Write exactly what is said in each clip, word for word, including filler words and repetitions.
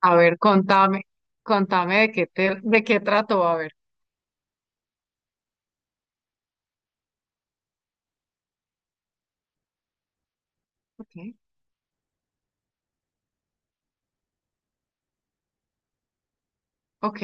A ver, contame, contame de qué te, de qué trató, a ver. Okay. Ok.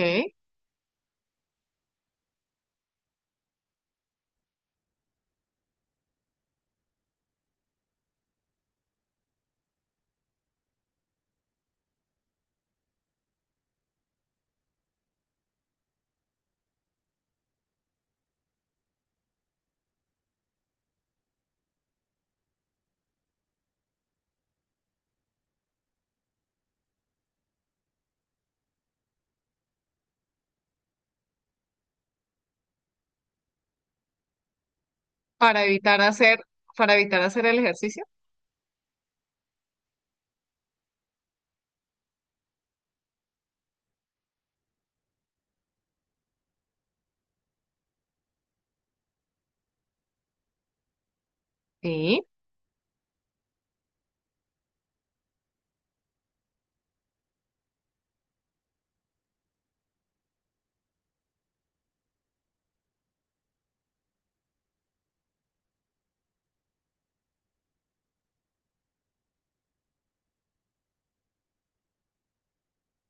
Para evitar hacer, para evitar hacer el ejercicio. Sí.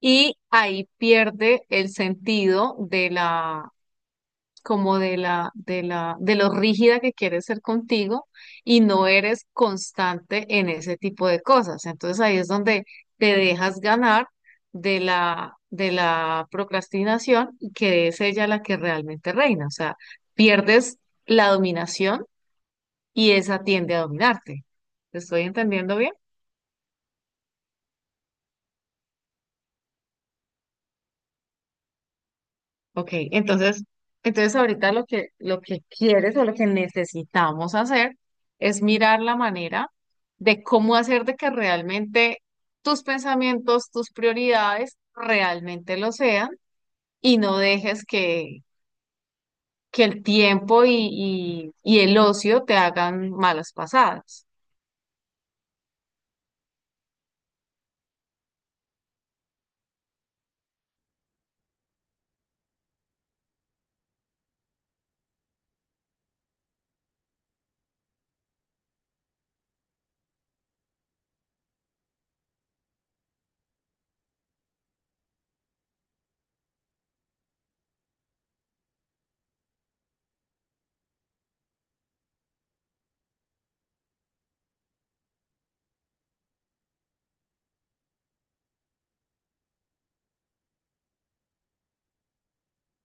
Y ahí pierde el sentido de la, como de la, de la, de lo rígida que quieres ser contigo y no eres constante en ese tipo de cosas. Entonces ahí es donde te dejas ganar de la, de la procrastinación y que es ella la que realmente reina. O sea, pierdes la dominación y esa tiende a dominarte. ¿Te estoy entendiendo bien? Ok, entonces, entonces ahorita lo que, lo que quieres o lo que necesitamos hacer es mirar la manera de cómo hacer de que realmente tus pensamientos, tus prioridades realmente lo sean y no dejes que, que el tiempo y, y, y el ocio te hagan malas pasadas.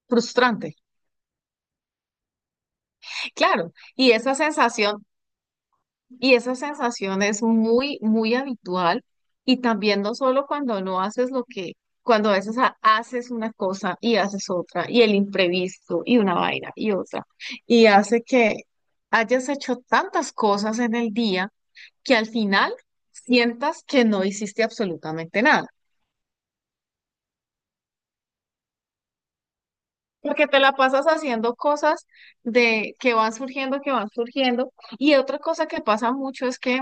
Frustrante. Claro, y esa sensación Y esa sensación es muy, muy habitual. Y también no solo cuando no haces lo que, cuando a veces ha- haces una cosa y haces otra, y el imprevisto, y una vaina, y otra. Y hace que hayas hecho tantas cosas en el día que al final sientas que no hiciste absolutamente nada. Porque te la pasas haciendo cosas de que van surgiendo, que van surgiendo. Y otra cosa que pasa mucho es que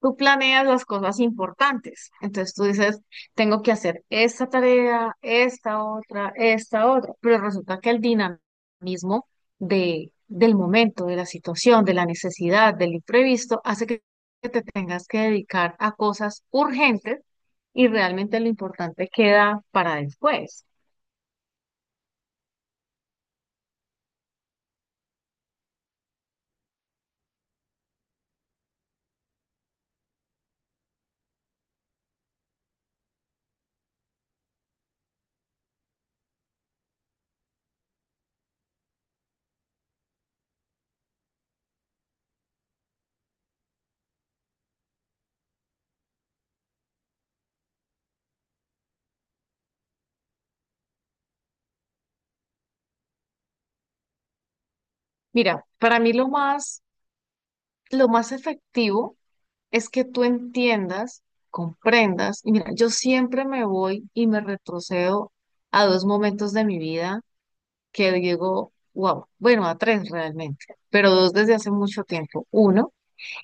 tú planeas las cosas importantes. Entonces tú dices, tengo que hacer esta tarea, esta otra, esta otra. Pero resulta que el dinamismo de, del momento, de la situación, de la necesidad, del imprevisto, hace que que te tengas que dedicar a cosas urgentes y realmente lo importante queda para después. Mira, para mí lo más, lo más efectivo es que tú entiendas, comprendas. Y mira, yo siempre me voy y me retrocedo a dos momentos de mi vida que digo, wow, bueno, a tres realmente, pero dos desde hace mucho tiempo. Uno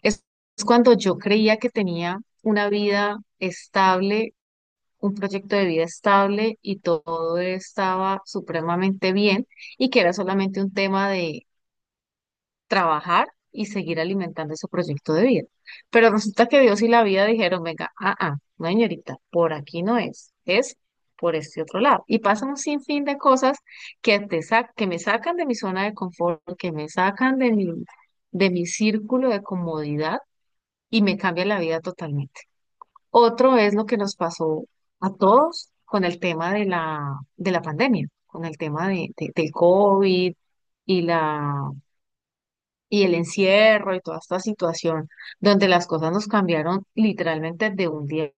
es es cuando yo creía que tenía una vida estable, un proyecto de vida estable y todo estaba supremamente bien y que era solamente un tema de trabajar y seguir alimentando ese proyecto de vida. Pero resulta que Dios y la vida dijeron, venga, ah, ah, no, señorita, por aquí no es, es por este otro lado. Y pasan un sinfín de cosas que, te sa- que me sacan de mi zona de confort, que me sacan de mi, de mi círculo de comodidad y me cambian la vida totalmente. Otro es lo que nos pasó a todos con el tema de la, de la pandemia, con el tema de, de- del COVID y la y el encierro y toda esta situación donde las cosas nos cambiaron literalmente de un día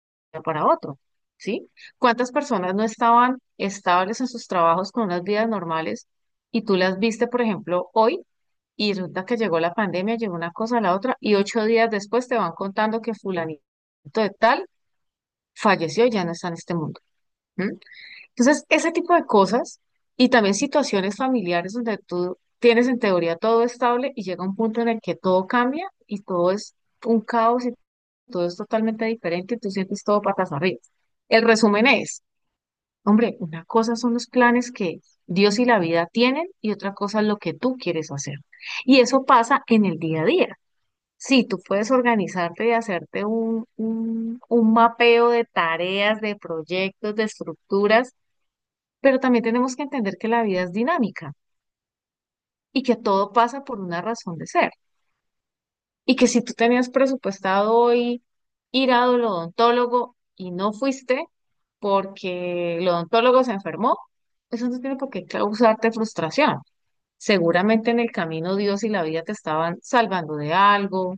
para otro, ¿sí? ¿Cuántas personas no estaban estables en sus trabajos con unas vidas normales y tú las viste, por ejemplo, hoy y resulta que llegó la pandemia, llegó una cosa a la otra y ocho días después te van contando que fulanito de tal falleció y ya no está en este mundo? ¿M? Entonces, ese tipo de cosas y también situaciones familiares donde tú tienes en teoría todo estable y llega un punto en el que todo cambia y todo es un caos y todo es totalmente diferente y tú sientes todo patas arriba. El resumen es, hombre, una cosa son los planes que Dios y la vida tienen y otra cosa es lo que tú quieres hacer. Y eso pasa en el día a día. Sí, tú puedes organizarte y hacerte un, un un mapeo de tareas, de proyectos, de estructuras, pero también tenemos que entender que la vida es dinámica y que todo pasa por una razón de ser. Y que si tú tenías presupuestado hoy ir al odontólogo y no fuiste porque el odontólogo se enfermó, eso no tiene por qué causarte frustración. Seguramente en el camino Dios y la vida te estaban salvando de algo,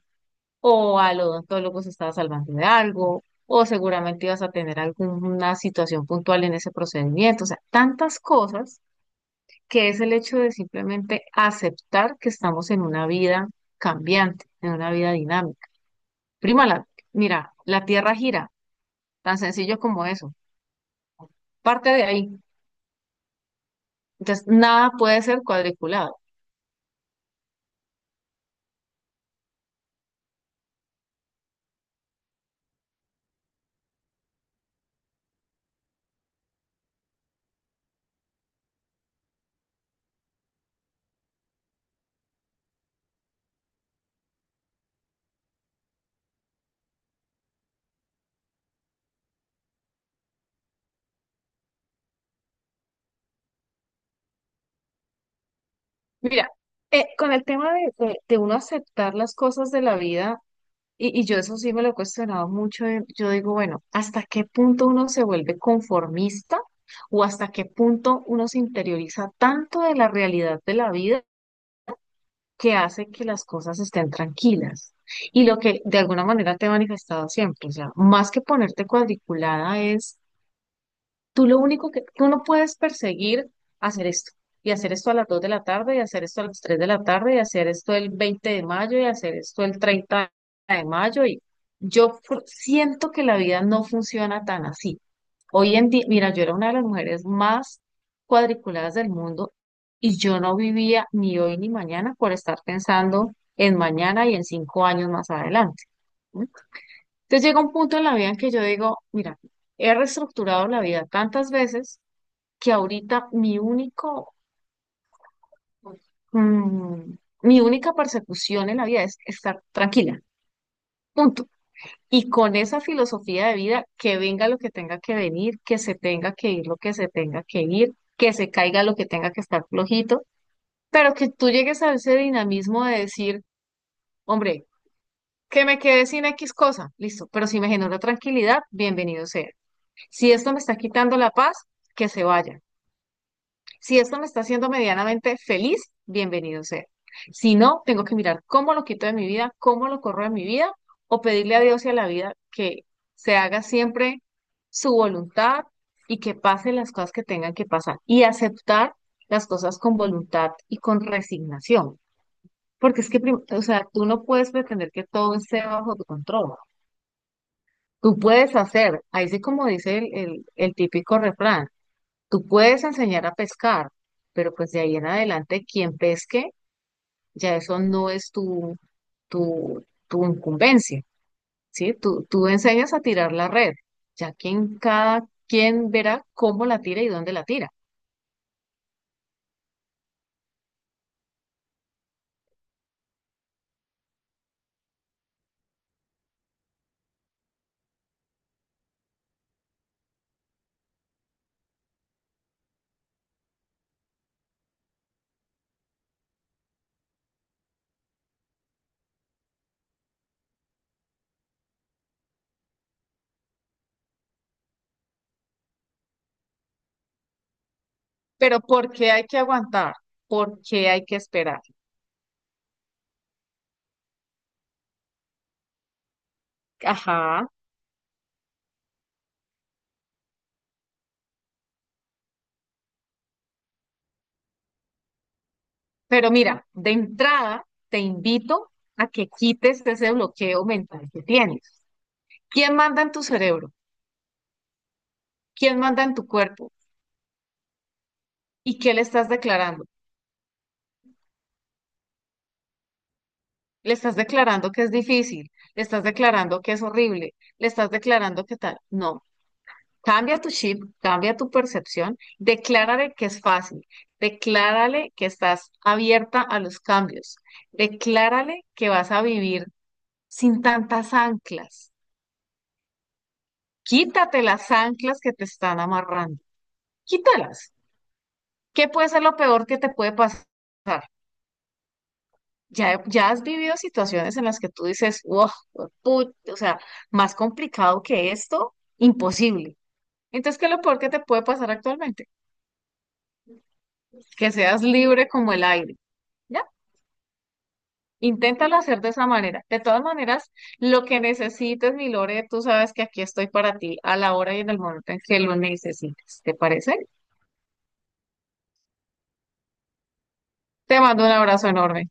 o al odontólogo se estaba salvando de algo, o seguramente ibas a tener alguna situación puntual en ese procedimiento. O sea, tantas cosas que es el hecho de simplemente aceptar que estamos en una vida cambiante, en una vida dinámica. Prima, la- mira, la Tierra gira, tan sencillo como eso. Parte de ahí. Entonces, nada puede ser cuadriculado. Mira, eh, con el tema de, de- de uno aceptar las cosas de la vida, y, y yo eso sí me lo he cuestionado mucho, eh, yo digo, bueno, ¿hasta qué punto uno se vuelve conformista? ¿O hasta qué punto uno se interioriza tanto de la realidad de la vida, que hace que las cosas estén tranquilas? Y lo que de alguna manera te he manifestado siempre, o sea, más que ponerte cuadriculada es: tú lo único que, tú no puedes perseguir hacer esto, y hacer esto a las dos de la tarde, y hacer esto a las tres de la tarde, y hacer esto el veinte de mayo, y hacer esto el treinta de mayo. Y yo fu- siento que la vida no funciona tan así. Hoy en día, mira, yo era una de las mujeres más cuadriculadas del mundo y yo no vivía ni hoy ni mañana por estar pensando en mañana y en cinco años más adelante. ¿No? Entonces llega un punto en la vida en que yo digo, mira, he reestructurado la vida tantas veces que ahorita mi único, mm, mi única persecución en la vida es estar tranquila, punto. Y con esa filosofía de vida, que venga lo que tenga que venir, que se tenga que ir lo que se tenga que ir, que se caiga lo que tenga que estar flojito, pero que tú llegues a ese dinamismo de decir, hombre, que me quede sin X cosa, listo, pero si me genera tranquilidad, bienvenido sea. Si esto me está quitando la paz, que se vaya. Si esto me está haciendo medianamente feliz, bienvenido sea. Si no, tengo que mirar cómo lo quito de mi vida, cómo lo corro de mi vida, o pedirle a Dios y a la vida que se haga siempre su voluntad y que pasen las cosas que tengan que pasar y aceptar las cosas con voluntad y con resignación. Porque es que, prim- o sea, tú no puedes pretender que todo esté bajo tu control. Tú puedes hacer, ahí sí como dice el, el el típico refrán, tú puedes enseñar a pescar, pero pues de ahí en adelante quien pesque, ya eso no es tu, tu, tu incumbencia, ¿sí? Tú, tú enseñas a tirar la red, ya quien cada quien verá cómo la tira y dónde la tira. Pero ¿por qué hay que aguantar? ¿Por qué hay que esperar? Ajá. Pero mira, de entrada te invito a que quites ese bloqueo mental que tienes. ¿Quién manda en tu cerebro? ¿Quién manda en tu cuerpo? ¿Y qué le estás declarando? Le estás declarando que es difícil, le estás declarando que es horrible, le estás declarando que tal. No, cambia tu chip, cambia tu percepción, declárale que es fácil, declárale que estás abierta a los cambios, declárale que vas a vivir sin tantas anclas. Quítate las anclas que te están amarrando, quítalas. ¿Qué puede ser lo peor que te puede pasar? Ya, ya has vivido situaciones en las que tú dices, wow, o sea, más complicado que esto, imposible. Entonces, ¿qué es lo peor que te puede pasar actualmente? Que seas libre como el aire, ¿ya? Inténtalo hacer de esa manera. De todas maneras, lo que necesites, mi Lore, tú sabes que aquí estoy para ti a la hora y en el momento en que lo necesites. ¿Te parece? Te mando un abrazo enorme.